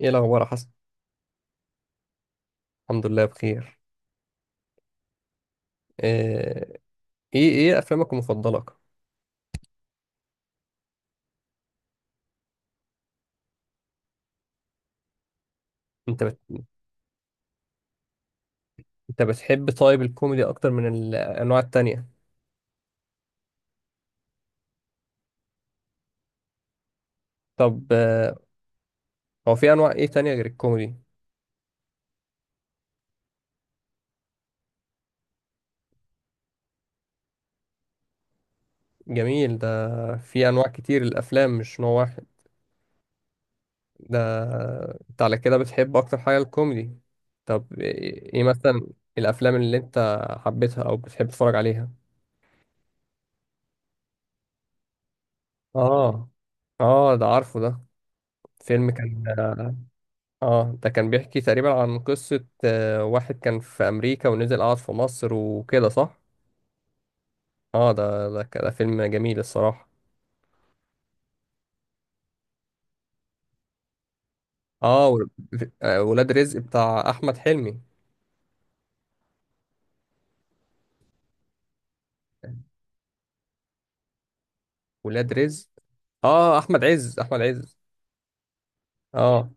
ايه الاخبار يا حسن؟ الحمد لله بخير. آه، ايه افلامك المفضله؟ انت بت... انت بتحب طيب الكوميدي اكتر من الانواع التانية؟ طب، هو في انواع ايه تانية غير الكوميدي؟ جميل ده. في انواع كتير الافلام، مش نوع واحد ده. انت على كده بتحب اكتر حاجه الكوميدي. طب إيه مثلا الافلام اللي انت حبيتها او بتحب تتفرج عليها؟ اه، اه، ده عارفه ده. فيلم كان. اه، ده كان بيحكي تقريبا عن قصة واحد كان في أمريكا ونزل قعد في مصر وكده، صح؟ اه، ده فيلم جميل الصراحة. اه، ولاد رزق بتاع أحمد حلمي. ولاد رزق، اه، أحمد عز أحمد عز. اه،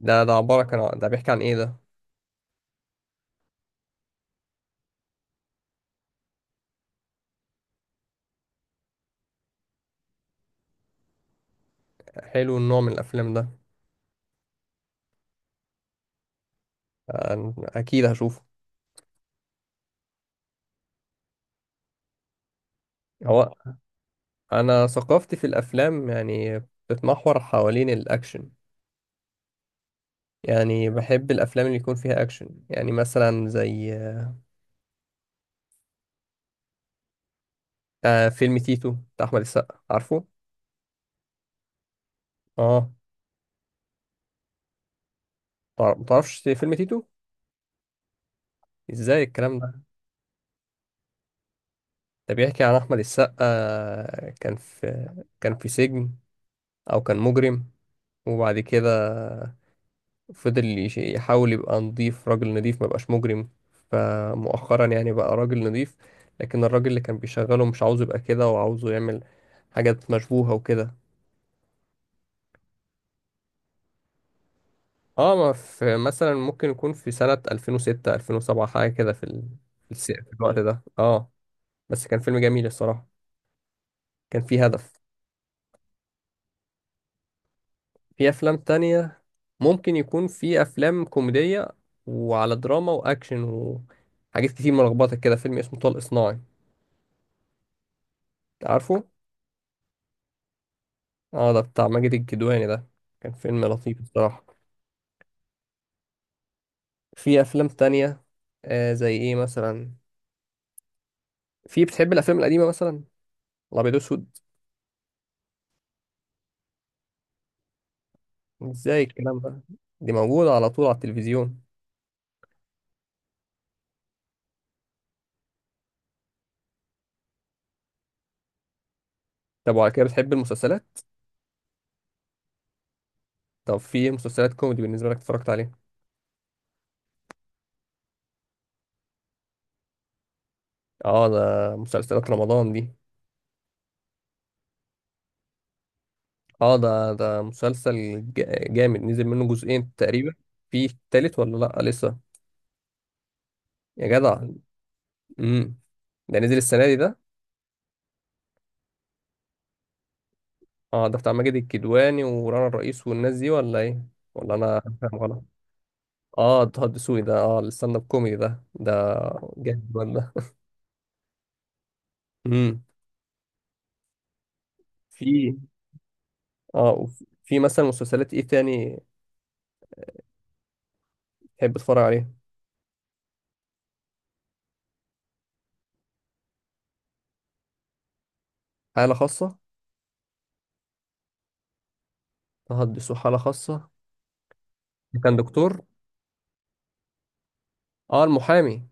ده بيحكي عن ايه ده؟ حلو النوع من الأفلام ده. أنا أكيد هشوفه. هو أنا ثقافتي في الأفلام يعني بتتمحور حوالين الأكشن. يعني بحب الأفلام اللي يكون فيها أكشن، يعني مثلا زي فيلم تيتو بتاع احمد السقا، عارفه؟ اه. متعرفش فيلم تيتو؟ ازاي الكلام ده؟ ده بيحكي عن احمد السقا. كان في سجن، او كان مجرم، وبعد كده فضل يحاول يبقى نضيف، راجل نضيف، ما يبقاش مجرم. فمؤخرا يعني بقى راجل نضيف. لكن الراجل اللي كان بيشغله مش عاوزه يبقى كده، وعاوزه يعمل حاجات مشبوهة وكده. اه، ما في مثلا ممكن يكون في سنة 2006 2007 حاجة كده، في ال- في الس- في الوقت ده، اه. بس كان فيلم جميل الصراحة، كان فيه هدف. في أفلام تانية، ممكن يكون في أفلام كوميدية وعلى دراما وأكشن وحاجات كتير ملخبطة كده. فيلم اسمه طلق صناعي، عارفه؟ اه، ده بتاع ماجد الكدواني ده، كان فيلم لطيف الصراحة. في أفلام تانية، زي إيه مثلا؟ في بتحب الأفلام القديمة مثلا، الأبيض وأسود؟ إزاي الكلام ده؟ دي موجودة على طول على التلفزيون. طب وعلى كده بتحب المسلسلات؟ طب في مسلسلات كوميدي بالنسبة لك اتفرجت عليها؟ اه، ده مسلسلات رمضان دي. اه، ده مسلسل جامد، نزل منه جزئين تقريبا. في تالت ولا لا لسه؟ يا جدع. امم ده نزل السنه دي ده؟ اه، ده بتاع ماجد الكدواني ورانا الرئيس والناس دي، ولا ايه؟ ولا انا فاهم غلط؟ اه، طه الدسوقي ده، اه، الستاند اب كوميدي ده جامد ولا؟ امم في في مثلا مسلسلات ايه تاني تحب تتفرج عليها؟ حاله خاصه. طه الدسوقي، حاله خاصه. كان دكتور. اه، المحامي.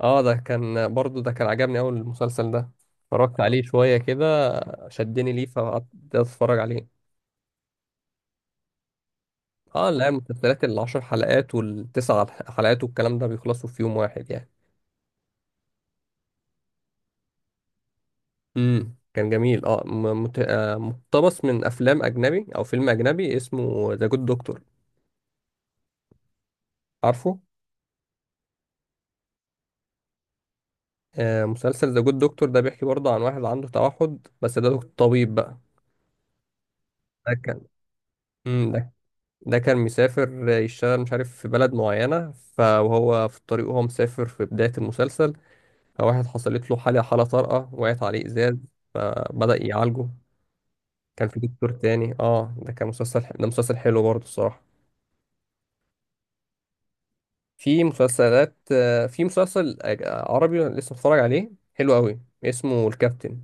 اه، ده كان برضو، ده كان عجبني اول المسلسل ده. اتفرجت عليه شوية كده، شدني ليه فقعدت اتفرج عليه. اه، لا، المسلسلات العشر حلقات والتسع حلقات والكلام ده بيخلصوا في يوم واحد يعني. كان جميل. اه، م- مت... آه، مقتبس من افلام اجنبي، او فيلم اجنبي اسمه ذا جود دكتور، عارفه؟ مسلسل ذا جود دكتور ده بيحكي برضه عن واحد عنده توحد، بس ده دكتور طبيب بقى. ده كان مم، ده ده كان مسافر يشتغل، مش عارف في بلد معينة، فهو في الطريق وهو مسافر في بداية المسلسل. فواحد حصلت له حالة طارئة، وقعت عليه إزاز، فبدأ يعالجه. كان في دكتور تاني. اه، ده كان مسلسل، ده مسلسل حلو برضه الصراحة. في مسلسل عربي أنا لسه بتفرج عليه، حلو قوي، اسمه الكابتن.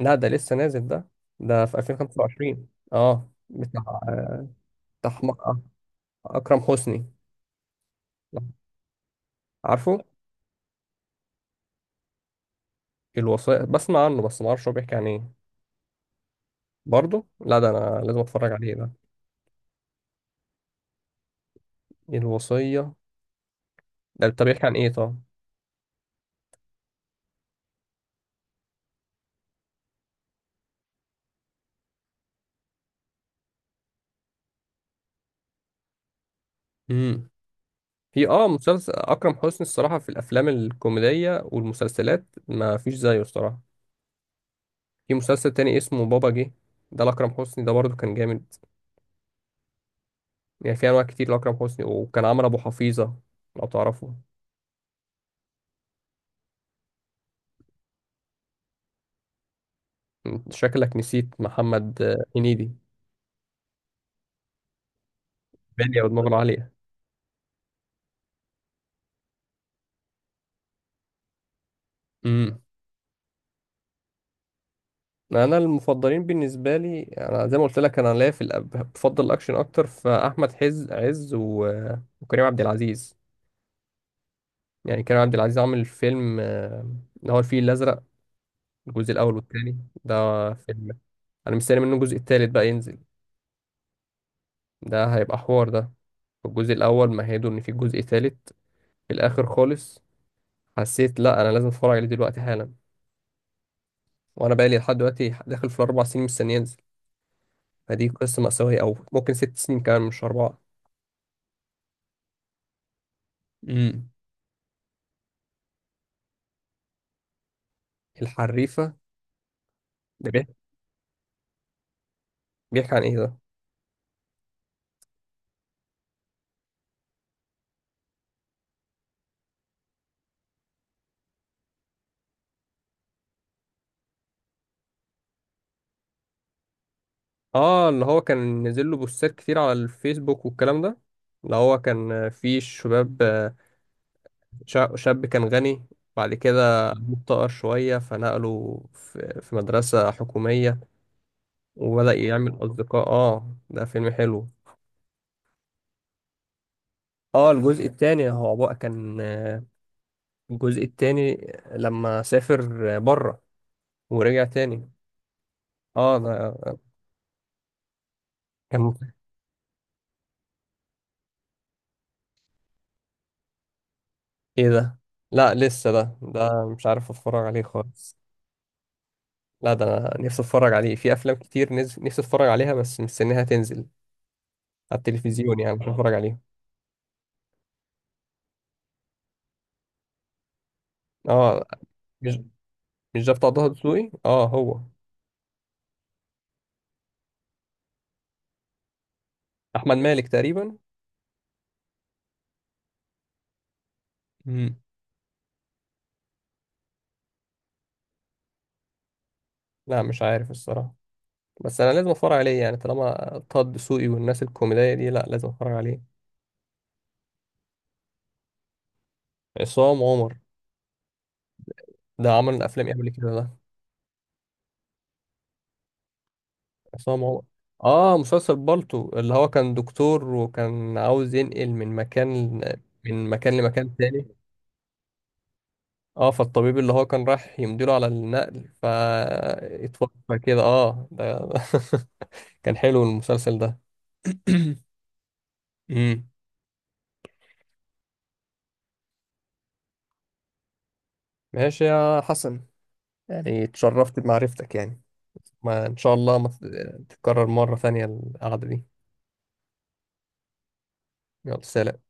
لا، ده لسه نازل ده. ده في 2025. اه، بتاع أكرم حسني، عارفه؟ الوصية بسمع عنه، بس ما اعرفش هو بيحكي عن ايه. برضه لا، ده انا لازم اتفرج عليه ده. الوصية ده، طب بيحكي عن ايه طب؟ امم في اه، مسلسل اكرم حسني الصراحة، في الافلام الكوميدية والمسلسلات ما فيش زيه الصراحة. في مسلسل تاني اسمه بابا جه، ده لاكرم حسني ده، برضه كان جامد. يعني في انواع كتير لاكرم حسني، وكان عمل ابو حفيظة لو تعرفه. أنت شكلك نسيت محمد هنيدي. بالي ودماغه عالية. امم انا المفضلين بالنسبه لي، انا زي ما قلت لك، انا ليا في بفضل الاكشن اكتر، فاحمد عز وكريم عبد العزيز. يعني كريم عبد العزيز عامل فيلم، اللي هو الفيل الازرق، الجزء الاول والثاني ده. فيلم انا مستني منه الجزء الثالث بقى ينزل. ده هيبقى حوار ده. الجزء الاول مهدوا ان في جزء ثالث في الاخر خالص، حسيت لا انا لازم اتفرج عليه دلوقتي حالا. وانا بقى لي لحد دلوقتي داخل في الاربع سنين مستني ينزل، فدي قصه مأساويه، او ممكن ست سنين كمان، مش اربعه. امم الحريفة. ده بيحكي عن ايه ده؟ اه، اللي هو كان نزل له بوستات كتير على الفيسبوك والكلام ده، اللي هو كان، في شباب، شاب كان غني، بعد كده أبوه افتقر شوية فنقله في مدرسة حكومية، وبدأ يعمل أصدقاء. اه، ده فيلم حلو. اه، الجزء التاني هو بقى كان آه، الجزء التاني لما سافر بره ورجع تاني. اه، ده. كان ايه ده؟ لا لسه، ده مش عارف اتفرج عليه خالص. لا، ده أنا نفسي اتفرج عليه. في افلام كتير نفسي اتفرج عليها، بس مستنيها تنزل على التلفزيون يعني عشان اه اتفرج عليها. اه، مش مش ده بتاع طه دسوقي، اه، هو. احمد مالك تقريبا. مم. لا، مش عارف الصراحه، بس انا لازم اتفرج عليه يعني طالما طه دسوقي والناس الكوميديه دي، لا لازم اتفرج عليه. عصام عمر، ده عمل افلام ايه قبل كده ده؟ عصام عمر. اه، مسلسل بالطو، اللي هو كان دكتور وكان عاوز ينقل من مكان لمكان تاني. اه، فالطبيب اللي هو كان رايح يمديله على النقل فاتوفى كده، اه، ده. كان حلو المسلسل ده. امم ماشي يا حسن، يعني اتشرفت بمعرفتك يعني، ما ان شاء الله ما تتكرر مرة ثانية القعدة دي. يلا، سلام.